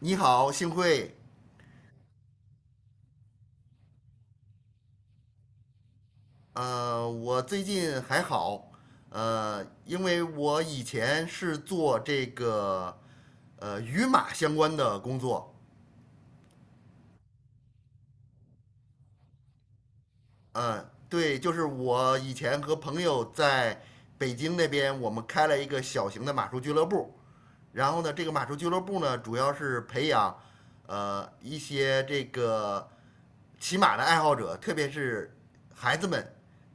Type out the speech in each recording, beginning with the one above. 你好，幸会。我最近还好，因为我以前是做这个与马相关的工作。嗯、对，就是我以前和朋友在北京那边，我们开了一个小型的马术俱乐部。然后呢，这个马术俱乐部呢，主要是培养一些这个骑马的爱好者，特别是孩子们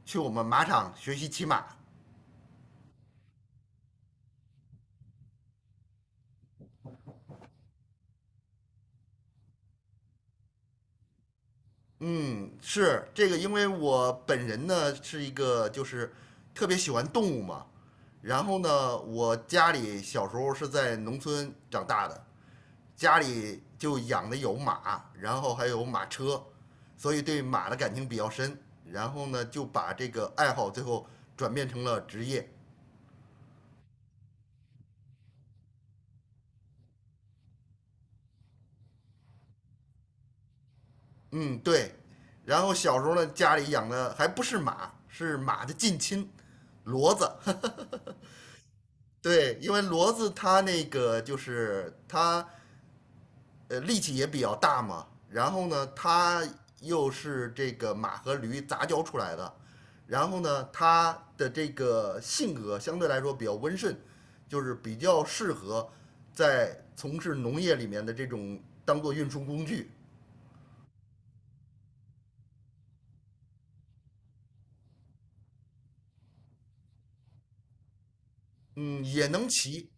去我们马场学习骑马。嗯，是这个，因为我本人呢是一个就是特别喜欢动物嘛，然后呢，我家里小时候是在农村长大的，家里就养的有马，然后还有马车，所以对马的感情比较深，然后呢就把这个爱好最后转变成了职业。嗯，对，然后小时候呢家里养的还不是马，是马的近亲，骡子。对，因为骡子它那个就是它力气也比较大嘛，然后呢，它又是这个马和驴杂交出来的，然后呢，它的这个性格相对来说比较温顺，就是比较适合在从事农业里面的这种当做运输工具。嗯，也能骑，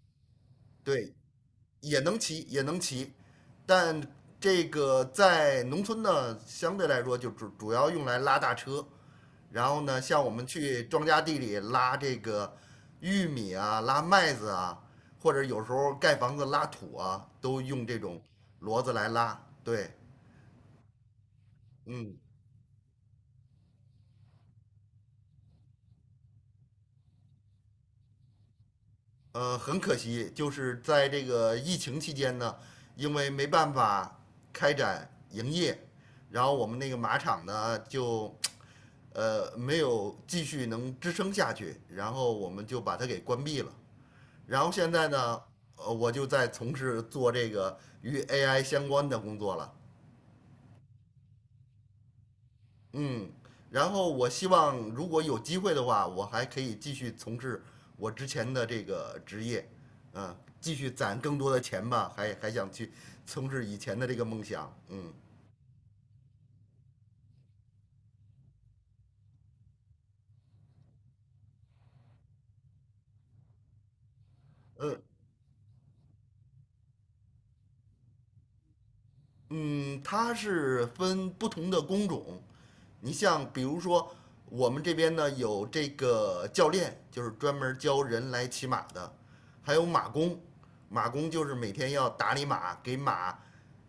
对，也能骑，也能骑，但这个在农村呢，相对来说就主要用来拉大车。然后呢，像我们去庄稼地里拉这个玉米啊、拉麦子啊，或者有时候盖房子拉土啊，都用这种骡子来拉。对，嗯，很可惜，就是在这个疫情期间呢，因为没办法开展营业，然后我们那个马场呢就没有继续能支撑下去，然后我们就把它给关闭了。然后现在呢，我就在从事做这个与 AI 相关的工作了。嗯，然后我希望如果有机会的话，我还可以继续从事我之前的这个职业，嗯，继续攒更多的钱吧，还想去从事以前的这个梦想。嗯嗯，它是分不同的工种，你像比如说我们这边呢有这个教练，就是专门教人来骑马的，还有马工，马工就是每天要打理马，给马。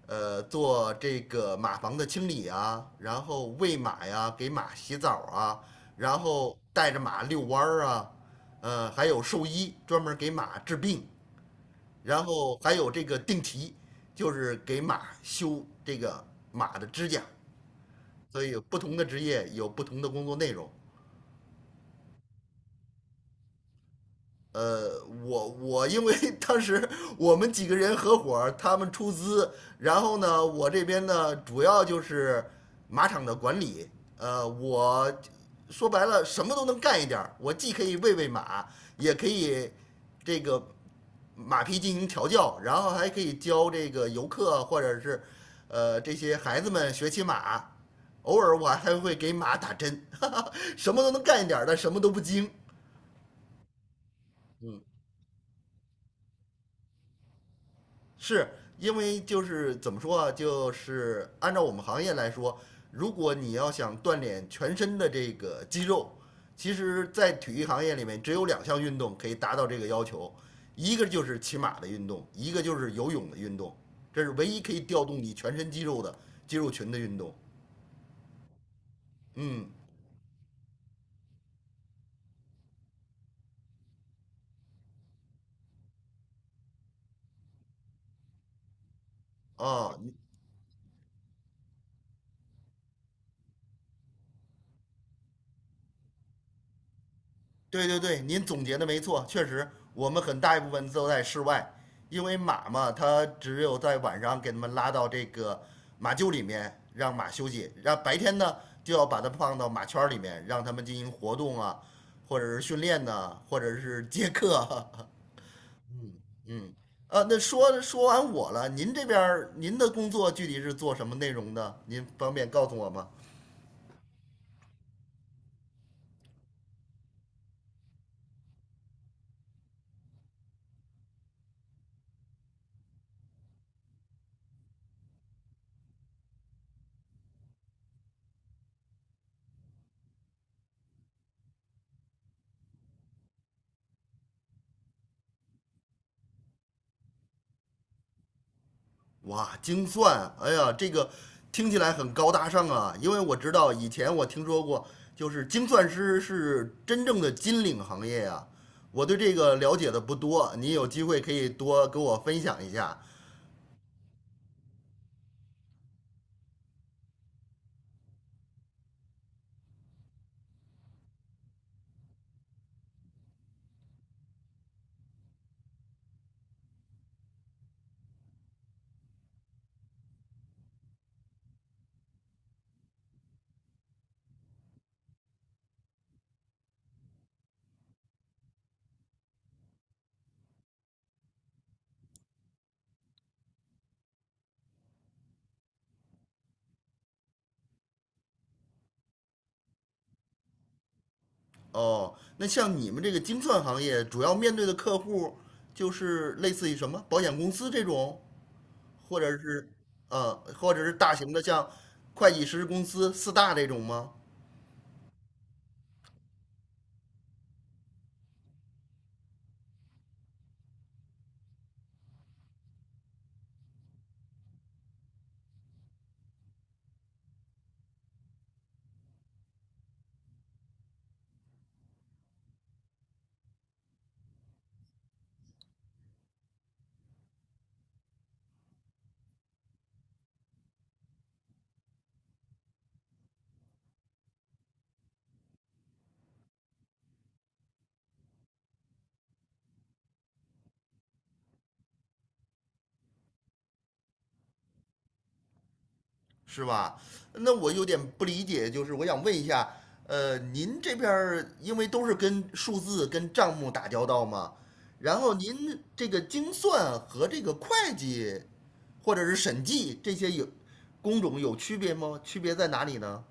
做这个马房的清理啊，然后喂马呀，给马洗澡啊，然后带着马遛弯儿啊，还有兽医专门给马治病，然后还有这个定蹄，就是给马修这个马的指甲，所以有不同的职业有不同的工作内容，呃，我因为当时我们几个人合伙他们出资，然后呢，我这边呢主要就是马场的管理，我说白了什么都能干一点我既可以喂马，也可以这个马匹进行调教，然后还可以教这个游客或者是这些孩子们学骑马，偶尔我还会给马打针，哈哈，什么都能干一点儿，但什么都不精，嗯。是因为就是怎么说啊，就是按照我们行业来说，如果你要想锻炼全身的这个肌肉，其实，在体育行业里面，只有两项运动可以达到这个要求，一个就是骑马的运动，一个就是游泳的运动，这是唯一可以调动你全身肌肉的肌肉群的运动。嗯，啊，对对对，您总结的没错，确实，我们很大一部分都在室外，因为马嘛，它只有在晚上给它们拉到这个马厩里面让马休息，然后白天呢就要把它放到马圈儿里面，让它们进行活动啊，或者是训练呐、或者是接客啊。那说完我了，您这边儿您的工作具体是做什么内容的？您方便告诉我吗？哇，精算，哎呀，这个听起来很高大上啊，因为我知道以前我听说过，就是精算师是真正的金领行业呀、我对这个了解的不多，你有机会可以多跟我分享一下哦。那像你们这个精算行业，主要面对的客户就是类似于什么保险公司这种，或者是或者是大型的像会计师公司四大这种吗？是吧？那我有点不理解，就是我想问一下，您这边儿因为都是跟数字、跟账目打交道嘛，然后您这个精算和这个会计或者是审计这些有工种有区别吗？区别在哪里呢？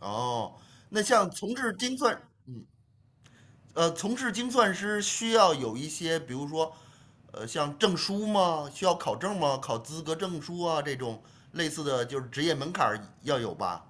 哦，那像从事精算，从事精算师需要有一些，比如说，像证书吗？需要考证吗？考资格证书啊，这种类似的就是职业门槛儿要有吧？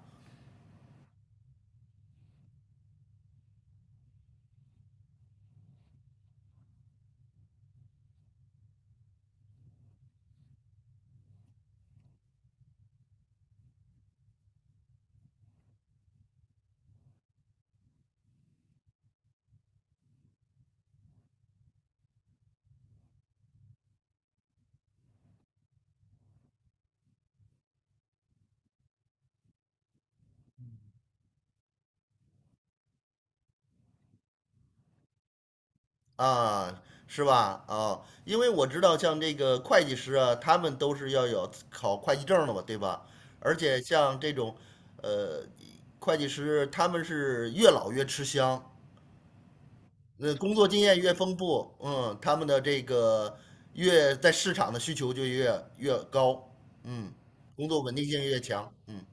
啊，是吧？啊，因为我知道像这个会计师啊，他们都是要有考会计证的嘛，对吧？而且像这种，呃，会计师他们是越老越吃香，那工作经验越丰富，嗯，他们的这个越在市场的需求就越高，嗯，工作稳定性越强，嗯，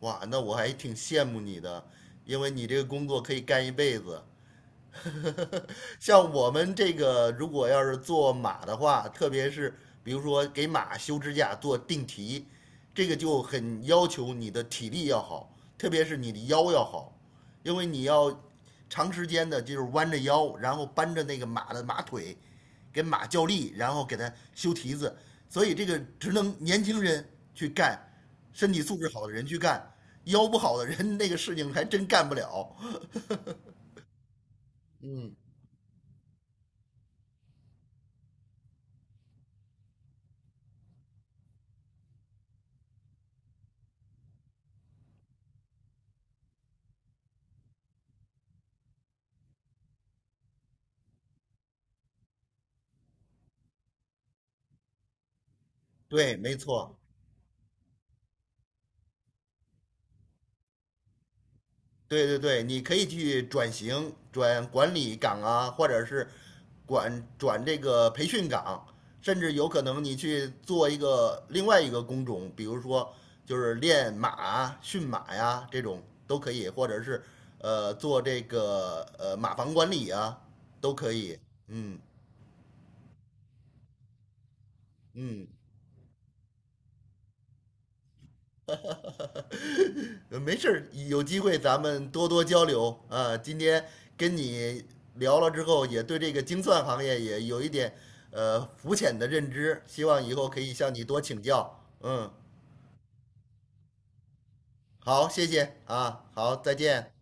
哇，那我还挺羡慕你的，因为你这个工作可以干一辈子，像我们这个，如果要是做马的话，特别是比如说给马修指甲、做定蹄，这个就很要求你的体力要好，特别是你的腰要好，因为你要长时间的就是弯着腰，然后扳着那个马的马腿，给马较力，然后给它修蹄子。所以这个只能年轻人去干，身体素质好的人去干，腰不好的人那个事情还真干不了。嗯，对，没错。对对对，你可以去转型，转管理岗啊，或者是管转这个培训岗，甚至有可能你去做一个另外一个工种，比如说就是练马啊、驯马呀这种都可以，或者是做这个马房管理啊都可以。嗯嗯，没事儿，有机会咱们多多交流啊。今天跟你聊了之后，也对这个精算行业也有一点肤浅的认知，希望以后可以向你多请教。嗯，好，谢谢啊，好，再见，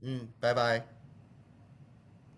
嗯，拜拜。